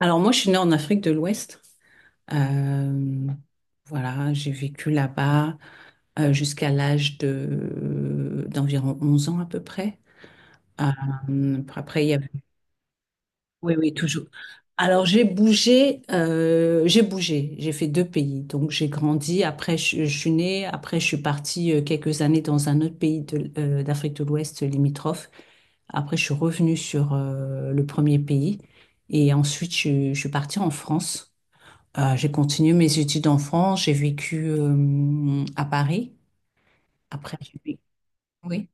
Alors moi, je suis née en Afrique de l'Ouest. Euh, voilà, j'ai vécu là-bas jusqu'à l'âge de d'environ 11 ans à peu près. Après, il y avait... Oui, oui, toujours. Alors j'ai bougé, j'ai fait deux pays. Donc j'ai grandi, je suis née, après je suis partie quelques années dans un autre pays d'Afrique de l'Ouest limitrophe. Après, je suis revenue sur le premier pays et ensuite je suis partie en France. J'ai continué mes études en France, j'ai vécu à Paris. Après, j'ai vécu- Oui,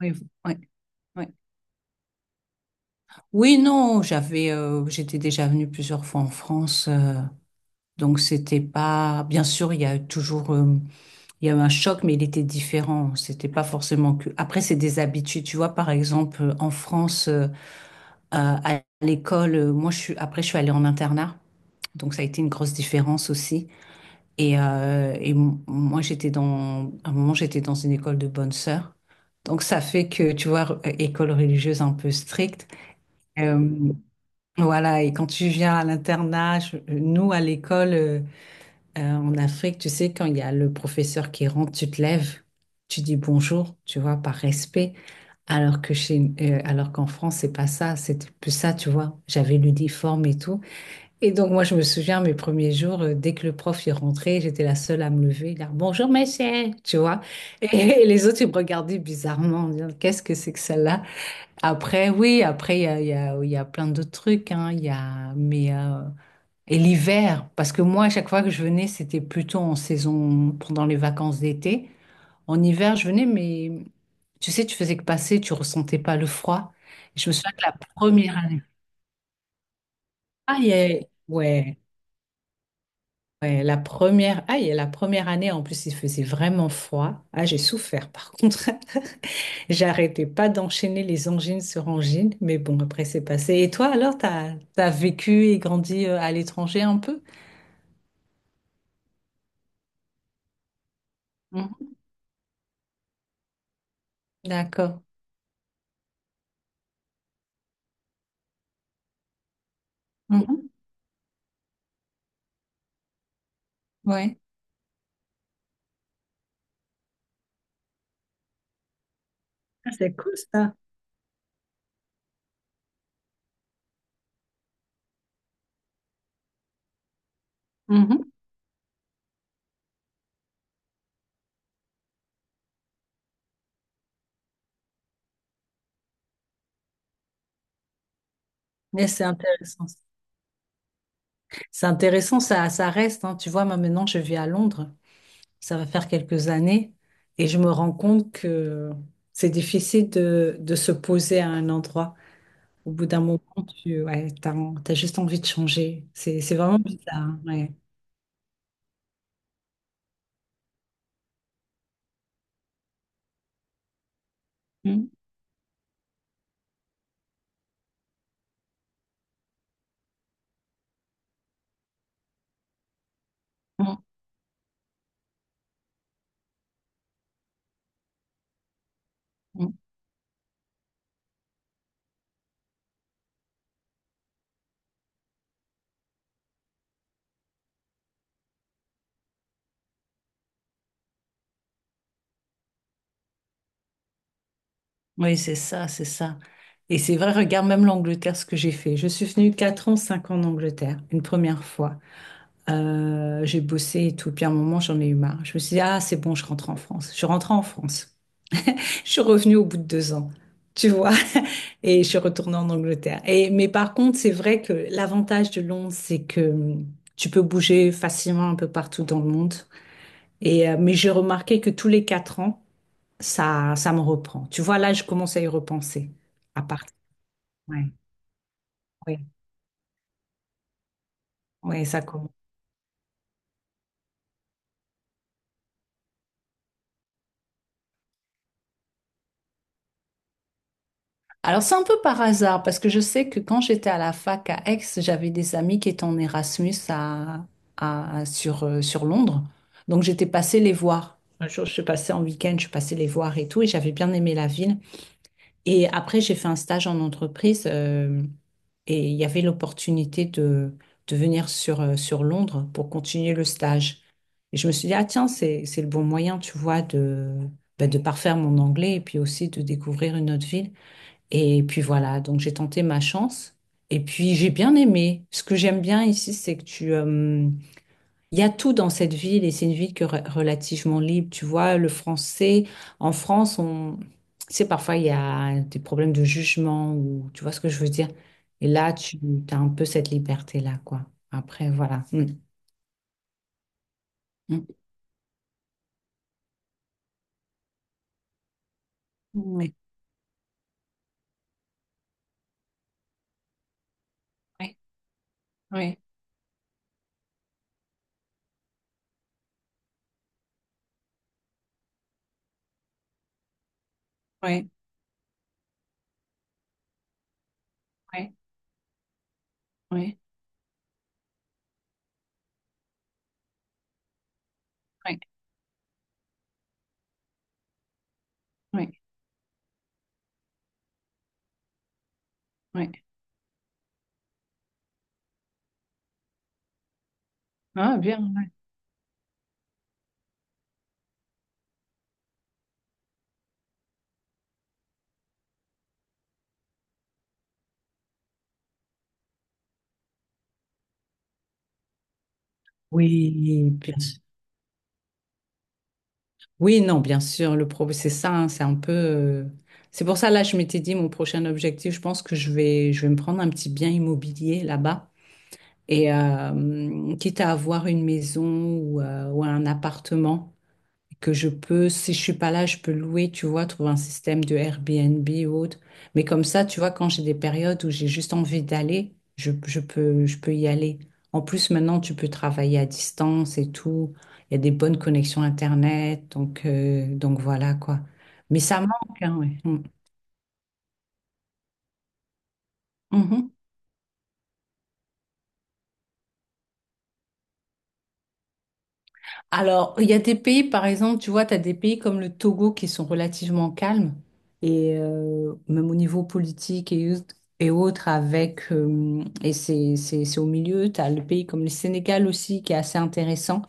oui, oui, ouais, ouais. Oui, non, j'étais déjà venue plusieurs fois en France, donc c'était pas. Bien sûr, il y a eu toujours, il y a eu un choc, mais il était différent. C'était pas forcément que. Après, c'est des habitudes, tu vois. Par exemple, en France, à l'école, moi, je suis. Après, je suis allée en internat, donc ça a été une grosse différence aussi. Et, moi, à un moment, j'étais dans une école de bonnes sœurs. Donc, ça fait que, tu vois, école religieuse un peu stricte. Euh, voilà, et quand tu viens à l'internat, nous, à l'école, en Afrique, tu sais, quand il y a le professeur qui rentre, tu te lèves, tu dis bonjour, tu vois, par respect. Alors qu'en France, c'est pas ça, c'était plus ça, tu vois. J'avais l'uniforme et tout. Et donc, moi, je me souviens, mes premiers jours, dès que le prof est rentré, j'étais la seule à me lever, là, bonjour, monsieur, tu vois. Et, les autres, ils me regardaient bizarrement, en disant, qu'est-ce que c'est que celle-là? Après, oui, après, il y a plein d'autres trucs, hein, il y a, mais, et l'hiver, parce que moi, à chaque fois que je venais, c'était plutôt en saison, pendant les vacances d'été. En hiver, je venais, mais tu sais, tu faisais que passer, tu ressentais pas le froid. Et je me souviens que la première année, ah, il y a- ouais. Et la première année, en plus, il faisait vraiment froid. Ah, j'ai souffert, par contre. J'arrêtais pas d'enchaîner les angines sur angines, mais bon, après, c'est passé. Et toi, alors, t'as vécu et grandi à l'étranger un peu? Mhm. D'accord. Mhm. Ouais. Ah, c'est cool, ça. Mhm. Mais c'est intéressant. C'est intéressant, ça reste, hein. Tu vois, moi, maintenant, je vis à Londres. Ça va faire quelques années. Et je me rends compte que c'est difficile de se poser à un endroit. Au bout d'un moment, tu ouais, t'as, t'as juste envie de changer. C'est vraiment bizarre. Ouais. Mm, mm, mm. Oui, c'est ça, c'est ça. Et c'est vrai, regarde même l'Angleterre, ce que j'ai fait. Je suis venue 4 ans, 5 ans en Angleterre, une première fois. J'ai bossé et tout. Puis à un moment, j'en ai eu marre. Je me suis dit, ah, c'est bon, je rentre en France. Je suis rentrée en France. Je suis revenue au bout de 2 ans, tu vois. Et je suis retournée en Angleterre. Et, mais par contre, c'est vrai que l'avantage de Londres, c'est que tu peux bouger facilement un peu partout dans le monde. Et, mais j'ai remarqué que tous les 4 ans, ça me reprend. Tu vois, là, je commence à y repenser. À partir. Ouais, ouais, ouais, ça commence. Alors, c'est un peu par hasard, parce que je sais que quand j'étais à la fac à Aix, j'avais des amis qui étaient en Erasmus sur Londres. Donc, j'étais passée les voir. Un jour, je suis passée en week-end, je suis passée les voir et tout, et j'avais bien aimé la ville. Et après, j'ai fait un stage en entreprise. Et il y avait l'opportunité de venir sur Londres pour continuer le stage. Et je me suis dit, ah tiens, c'est le bon moyen, tu vois, de, ben, de parfaire mon anglais et puis aussi de découvrir une autre ville. Et puis voilà, donc j'ai tenté ma chance. Et puis j'ai bien aimé. Ce que j'aime bien ici, c'est que il y a tout dans cette ville et c'est une ville qui est relativement libre. Tu vois, le français, en France, tu sais, parfois il y a des problèmes de jugement ou tu vois ce que je veux dire. Et là, tu as un peu cette liberté-là, quoi. Après, voilà. Mm. Mm. Oui, oui, oui, oui, oui, oui, oui, oui, oui. Ah, bien, ouais. Oui, bien sûr. Oui, non, bien sûr. Le problème, c'est ça, hein, c'est un peu. C'est pour ça, là, je m'étais dit, mon prochain objectif, je pense que je vais me prendre un petit bien immobilier là-bas. Et quitte à avoir une maison ou un appartement que je peux, si je suis pas là, je peux louer, tu vois, trouver un système de Airbnb ou autre. Mais comme ça, tu vois, quand j'ai des périodes où j'ai juste envie d'aller, je peux y aller. En plus, maintenant, tu peux travailler à distance et tout. Il y a des bonnes connexions Internet. Donc voilà, quoi. Mais ça manque, hein, ouais. Mm. Mhm. Alors, il y a des pays, par exemple, tu vois, tu as des pays comme le Togo qui sont relativement calmes, et même au niveau politique et autres, et c'est au milieu, tu as le pays comme le Sénégal aussi qui est assez intéressant.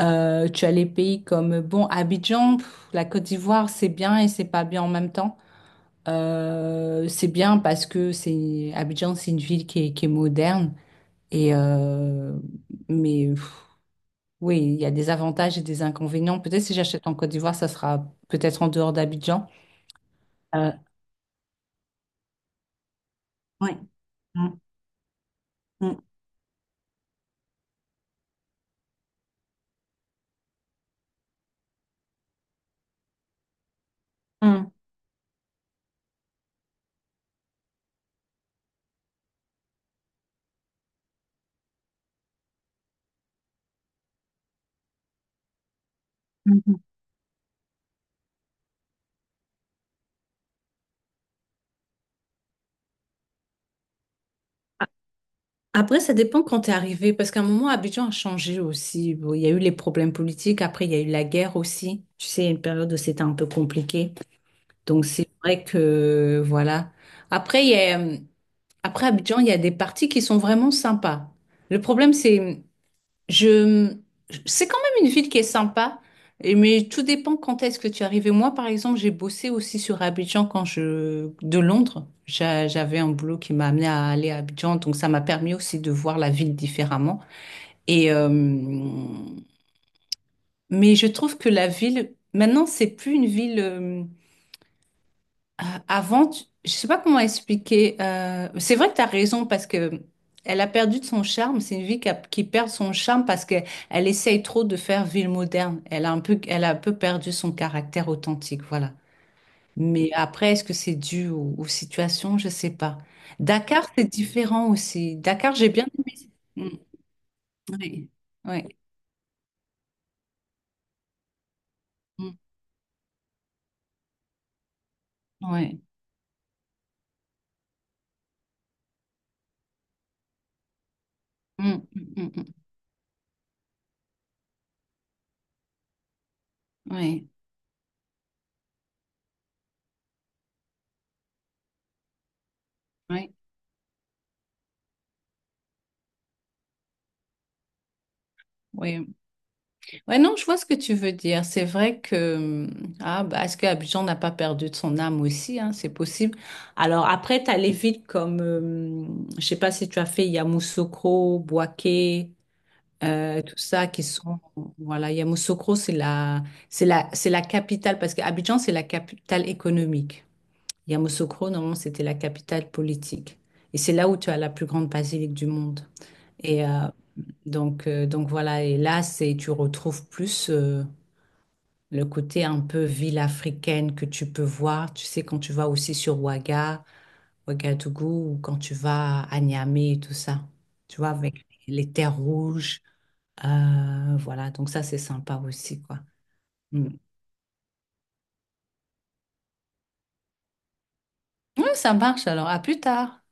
Tu as les pays comme, bon, Abidjan, pff, la Côte d'Ivoire, c'est bien et c'est pas bien en même temps. C'est bien parce que c'est Abidjan, c'est une ville qui est moderne, et, euh, mais. Oui, il y a des avantages et des inconvénients. Peut-être si j'achète en Côte d'Ivoire, ça sera peut-être en dehors d'Abidjan. Euh, Ouais. Mm, mm, mm, mhm. Après, ça dépend quand tu es arrivé, parce qu'à un moment, Abidjan a changé aussi. Bon, il y a eu les problèmes politiques, après, il y a eu la guerre aussi. Tu sais, il y a une période où c'était un peu compliqué. Donc, c'est vrai que, voilà. Après, il y a, Après Abidjan, il y a des parties qui sont vraiment sympas. Le problème, c'est, Je, C'est quand même une ville qui est sympa, mais tout dépend quand est-ce que tu arrives. Et moi, par exemple, j'ai bossé aussi sur Abidjan de Londres. J'avais un boulot qui m'a amené à aller à Abidjan, donc ça m'a permis aussi de voir la ville différemment. Et mais je trouve que la ville, maintenant, c'est plus une ville. Avant, je sais pas comment expliquer. C'est vrai que tu as raison parce que elle a perdu de son charme. C'est une vie qui perd son charme parce qu'elle elle essaye trop de faire ville moderne. Elle a un peu perdu son caractère authentique, voilà. Mais après, est-ce que c'est dû aux, aux situations? Je sais pas. Dakar, c'est différent aussi. Dakar, j'ai bien aimé. Mm, oui, oui, mm, ouais, mm, mm, mm, mm, oui, oui, oui. Ouais, non, je vois ce que tu veux dire. C'est vrai que, ah, bah, est-ce que Abidjan n'a pas perdu de son âme aussi, hein, c'est possible. Alors après, t'as les villes comme, je sais pas si tu as fait Yamoussoukro, Boaké, tout ça qui sont, voilà, Yamoussoukro, c'est la capitale, parce qu'Abidjan, c'est la capitale économique. Yamoussoukro, normalement, c'était la capitale politique. Et c'est là où tu as la plus grande basilique du monde. Et donc voilà, et là, tu retrouves plus. Le côté un peu ville africaine que tu peux voir, tu sais, quand tu vas aussi sur Ouaga, Ouagadougou, ou quand tu vas à Niamey et tout ça, tu vois, avec les terres rouges, voilà, donc ça c'est sympa aussi, quoi. Mm. Ouais, ça marche alors, à plus tard.